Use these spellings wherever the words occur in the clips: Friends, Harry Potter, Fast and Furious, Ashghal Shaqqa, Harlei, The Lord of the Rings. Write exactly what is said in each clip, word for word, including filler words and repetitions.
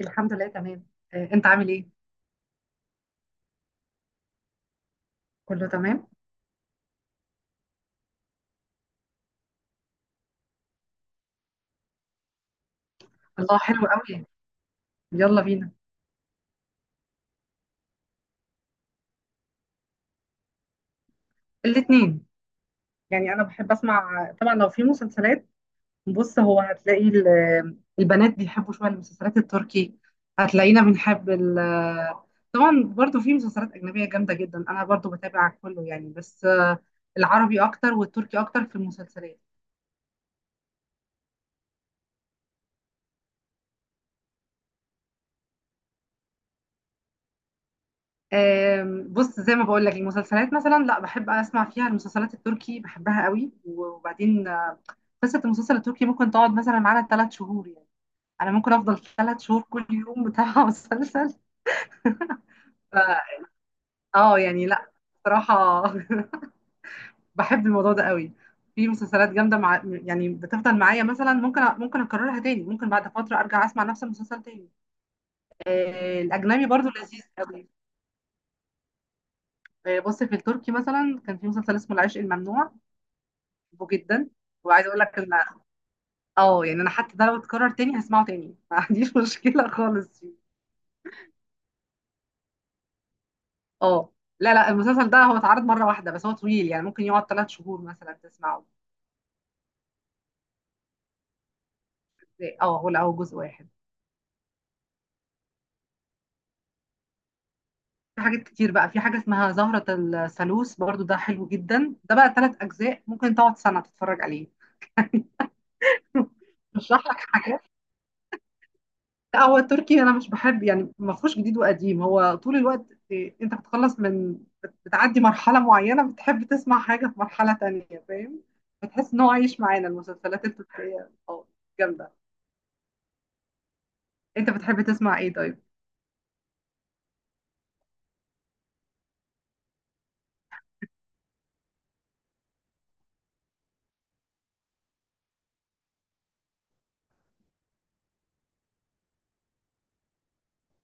الحمد لله تمام. آه، انت عامل ايه؟ كله تمام. الله حلو قوي. يلا بينا. الاتنين. يعني انا بحب اسمع طبعا لو في مسلسلات. بص، هو هتلاقي ال- البنات بيحبوا شويه المسلسلات التركي. هتلاقينا بنحب ال... طبعا برضو في مسلسلات اجنبيه جامده جدا، انا برضو بتابع كله يعني. بس آه، العربي اكتر والتركي اكتر في المسلسلات. آم، بص، زي ما بقول لك، المسلسلات مثلا لا، بحب اسمع فيها، المسلسلات التركي بحبها قوي. وبعدين قصة المسلسل التركي ممكن تقعد مثلا معانا ثلاث شهور يعني. أنا ممكن أفضل ثلاث شهور كل يوم بتابع مسلسل. ف... اه، يعني لا، بصراحة بحب الموضوع ده قوي. في مسلسلات جامدة مع... يعني بتفضل معايا، مثلا ممكن أ- ممكن أكررها تاني، ممكن بعد فترة أرجع أسمع نفس المسلسل تاني. آه الأجنبي برضو لذيذ قوي. آه بص، في التركي مثلا كان في مسلسل اسمه العشق الممنوع، بحبه جدا. وعايزة أقول لك إن اه، يعني أنا حتى ده لو اتكرر تاني هسمعه تاني، ما عنديش مشكلة خالص. اه. لا لا، المسلسل ده هو اتعرض مره واحده، بس هو طويل يعني ممكن يقعد ثلاث شهور مثلا تسمعه. اه، ولا او جزء واحد. في حاجات كتير بقى، في حاجه اسمها زهره. الثالوث برضو ده حلو جدا، ده بقى ثلاث اجزاء ممكن تقعد سنه تتفرج عليه. بشرح لك حاجات. لا، هو التركي انا مش بحب يعني، ما فيهوش جديد وقديم، هو طول الوقت إيه، انت بتخلص من بت- بتعدي مرحله معينه، بتحب تسمع حاجه في مرحله تانية، فاهم؟ بتحس ان هو عايش معانا، المسلسلات التركيه اه، جامده. انت بتحب تسمع ايه طيب؟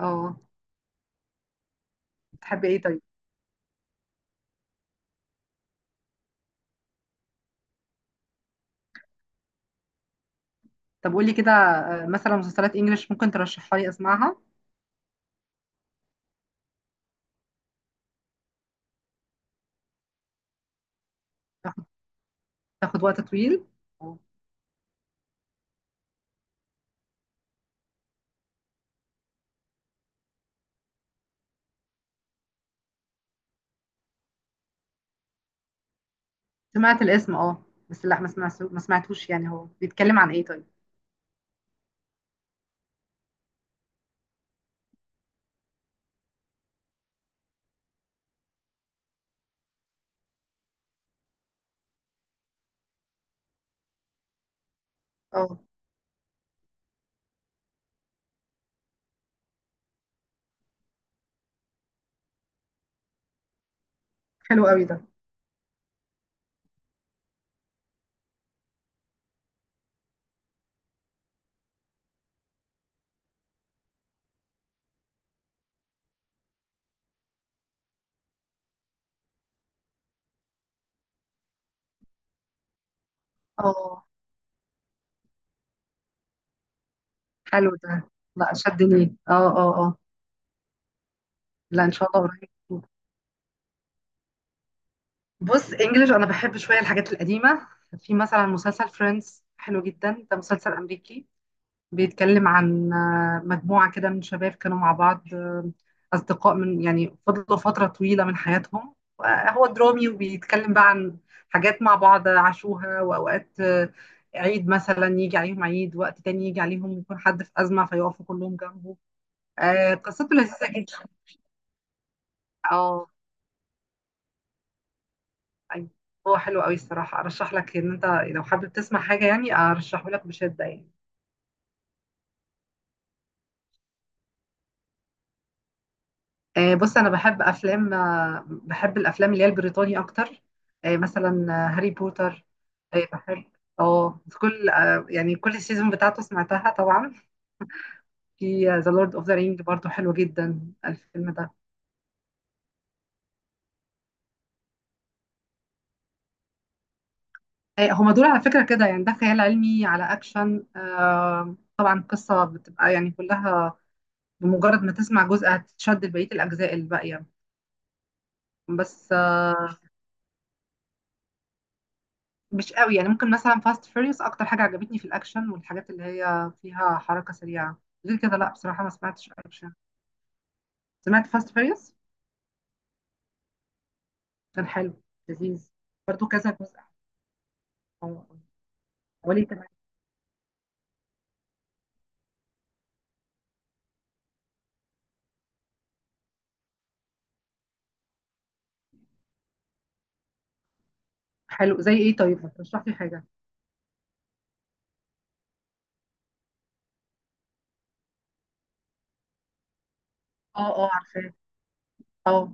اه. بتحبي ايه طيب؟ طب قولي كده، آه، مثلا مسلسلات انجليش ممكن ترشحها لي اسمعها. تاخد تاخد وقت طويل. سمعت الاسم اه، بس لا، ما سمعت ما سمعتوش يعني. هو بيتكلم عن ايه طيب؟ اه، حلو قوي ده. اه، حلو ده. لا، شدني، اه اه اه. لا، ان شاء الله قريب. بص، انجليش انا بحب شويه الحاجات القديمه. في مثلا مسلسل فريندز حلو جدا، ده مسلسل امريكي. بيتكلم عن آه، مجموعة كده من شباب كانوا مع بعض، آه، أصدقاء، من يعني فضلوا فترة طويلة من حياتهم. آه، هو درامي وبيتكلم بقى عن حاجات مع بعض عاشوها. وأوقات آه، عيد مثلا يجي عليهم، عيد، وقت تاني يجي عليهم يكون حد في أزمة فيقفوا كلهم جنبه. آه، قصته لذيذة جدا. اه، أيوة. هو حلو قوي الصراحة، أرشح لك إن أنت لو حابب تسمع حاجة يعني، أرشحه لك بشدة يعني. آه، بص، انا بحب افلام، آه، بحب الافلام اللي هي البريطاني اكتر. آه، مثلا آه، هاري بوتر. آه، بحب. اه، كل آه، يعني كل السيزون بتاعته سمعتها طبعا. في ذا لورد اوف ذا رينج برضو حلو جدا الفيلم ده. آه، هما دول على فكرة كده يعني، ده خيال علمي على اكشن، آه، طبعا قصة بتبقى يعني كلها بمجرد ما تسمع جزء هتتشد لبقية الاجزاء الباقية. بس آه، مش قوي يعني. ممكن مثلا فاست فيريوس اكتر حاجه عجبتني، في الاكشن والحاجات اللي هي فيها حركه سريعه. غير كده لا بصراحه ما سمعتش اكشن. سمعت فاست فيريوس، كان حلو، لذيذ. برضو كذا جزء. أو- وليه، تمام. حلو، زي ايه طيب؟ ما ترشح لي حاجه. اه اه، عارفاه. اه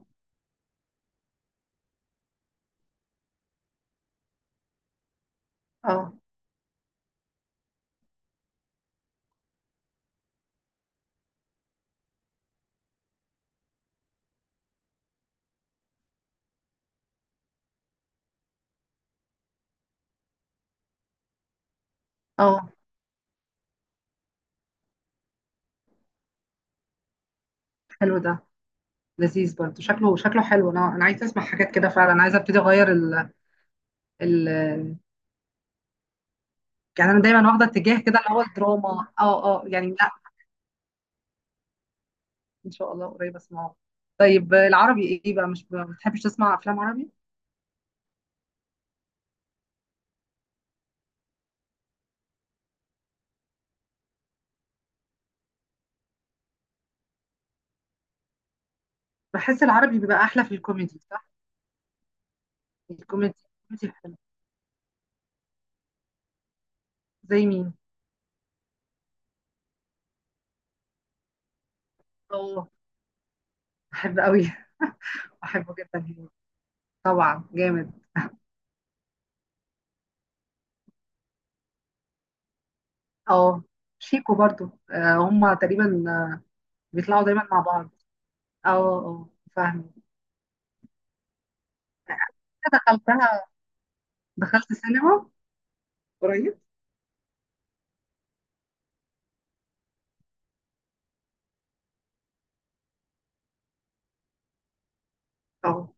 اه اه. حلو ده، لذيذ برضو. شكله شكله حلو. انا انا عايزه اسمع حاجات كده فعلا، عايزه ابتدي اغير ال... ال... يعني انا دايما واخده اتجاه كده، اللي هو الدراما. اه اه يعني، ان شاء الله قريب اسمعه. طيب العربي ايه بقى؟ مش ب- ما بتحبش تسمع افلام عربي؟ بحس العربي بيبقى احلى في الكوميدي، صح؟ الكوميدي. الكوميدي حلو. زي مين؟ اه، بحب قوي. بحبه جدا هنيدي. طبعا جامد. اه. شيكو برضو. آه، هما تقريبا آه، بيطلعوا دايما مع بعض. اه اه، فاهمه. دخلتها. دخلت سينما قريب. اه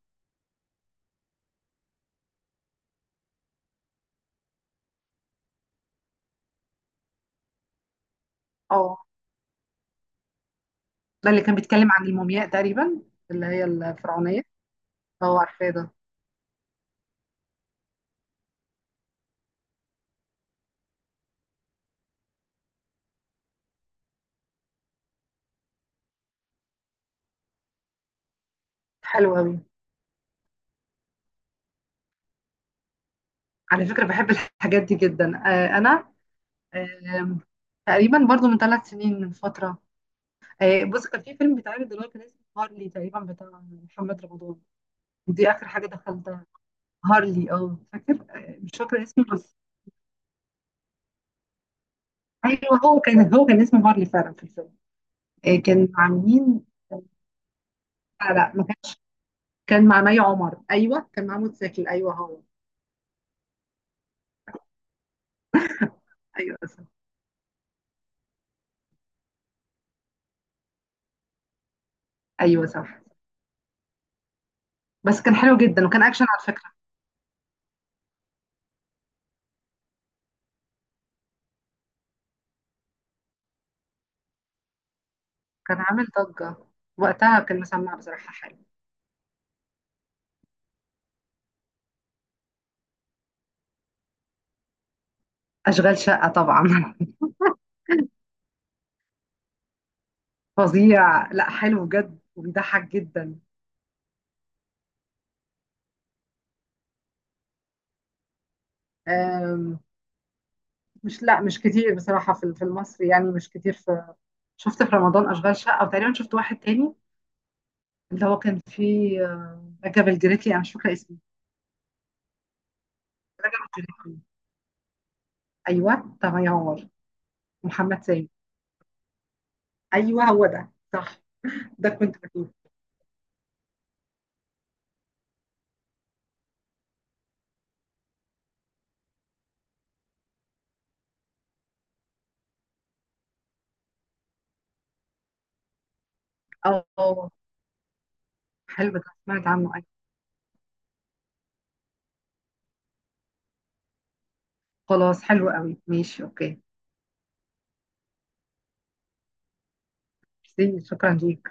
اه، ده اللي كان بيتكلم عن المومياء تقريبا، اللي هي الفرعونيه. اه عارفاه ده. حلو قوي. على فكرة بحب الحاجات دي جدا. آه، أنا آم، تقريبا برضو من ثلاث سنين، من فترة. آه، بص كان في فيلم بيتعرض دلوقتي كان اسمه هارلي تقريبا، بتاع محمد رمضان. دي آخر حاجة دخلتها. هارلي، اه فاكر. آه، مش فاكرة اسمه بس. أيوه هو كان هو كان اسمه هارلي فعلا في الفيلم. آه، كان عاملين... لا لا، ما كان، كان مع مي عمر. أيوه كان مع محمود زكي. أيوه هو. أيوه صح. أيوه صح. بس كان حلو جدا، وكان أكشن على فكرة. كان عامل ضجة وقتها، كان مسمع بصراحة حلو. أشغال شقة طبعا فظيع، لا حلو بجد وبيضحك جدا. أم، مش، لا مش كتير بصراحة في في المصري يعني، مش كتير. في شفت في رمضان أشغال شقة، وتقريبا شفت واحد تاني، اللي هو كان فيه آه، رجب الجريتي، أنا مش فاكرة اسمه. رجب الجريتي، أيوه طب ينور. محمد سامي، أيوه هو ده صح. ده كنت بجيبه. اه، حلو ده، سمعت عنه أيوه. خلاص، حلو قوي، ماشي، أوكي. ميرسي، شكرا ليك.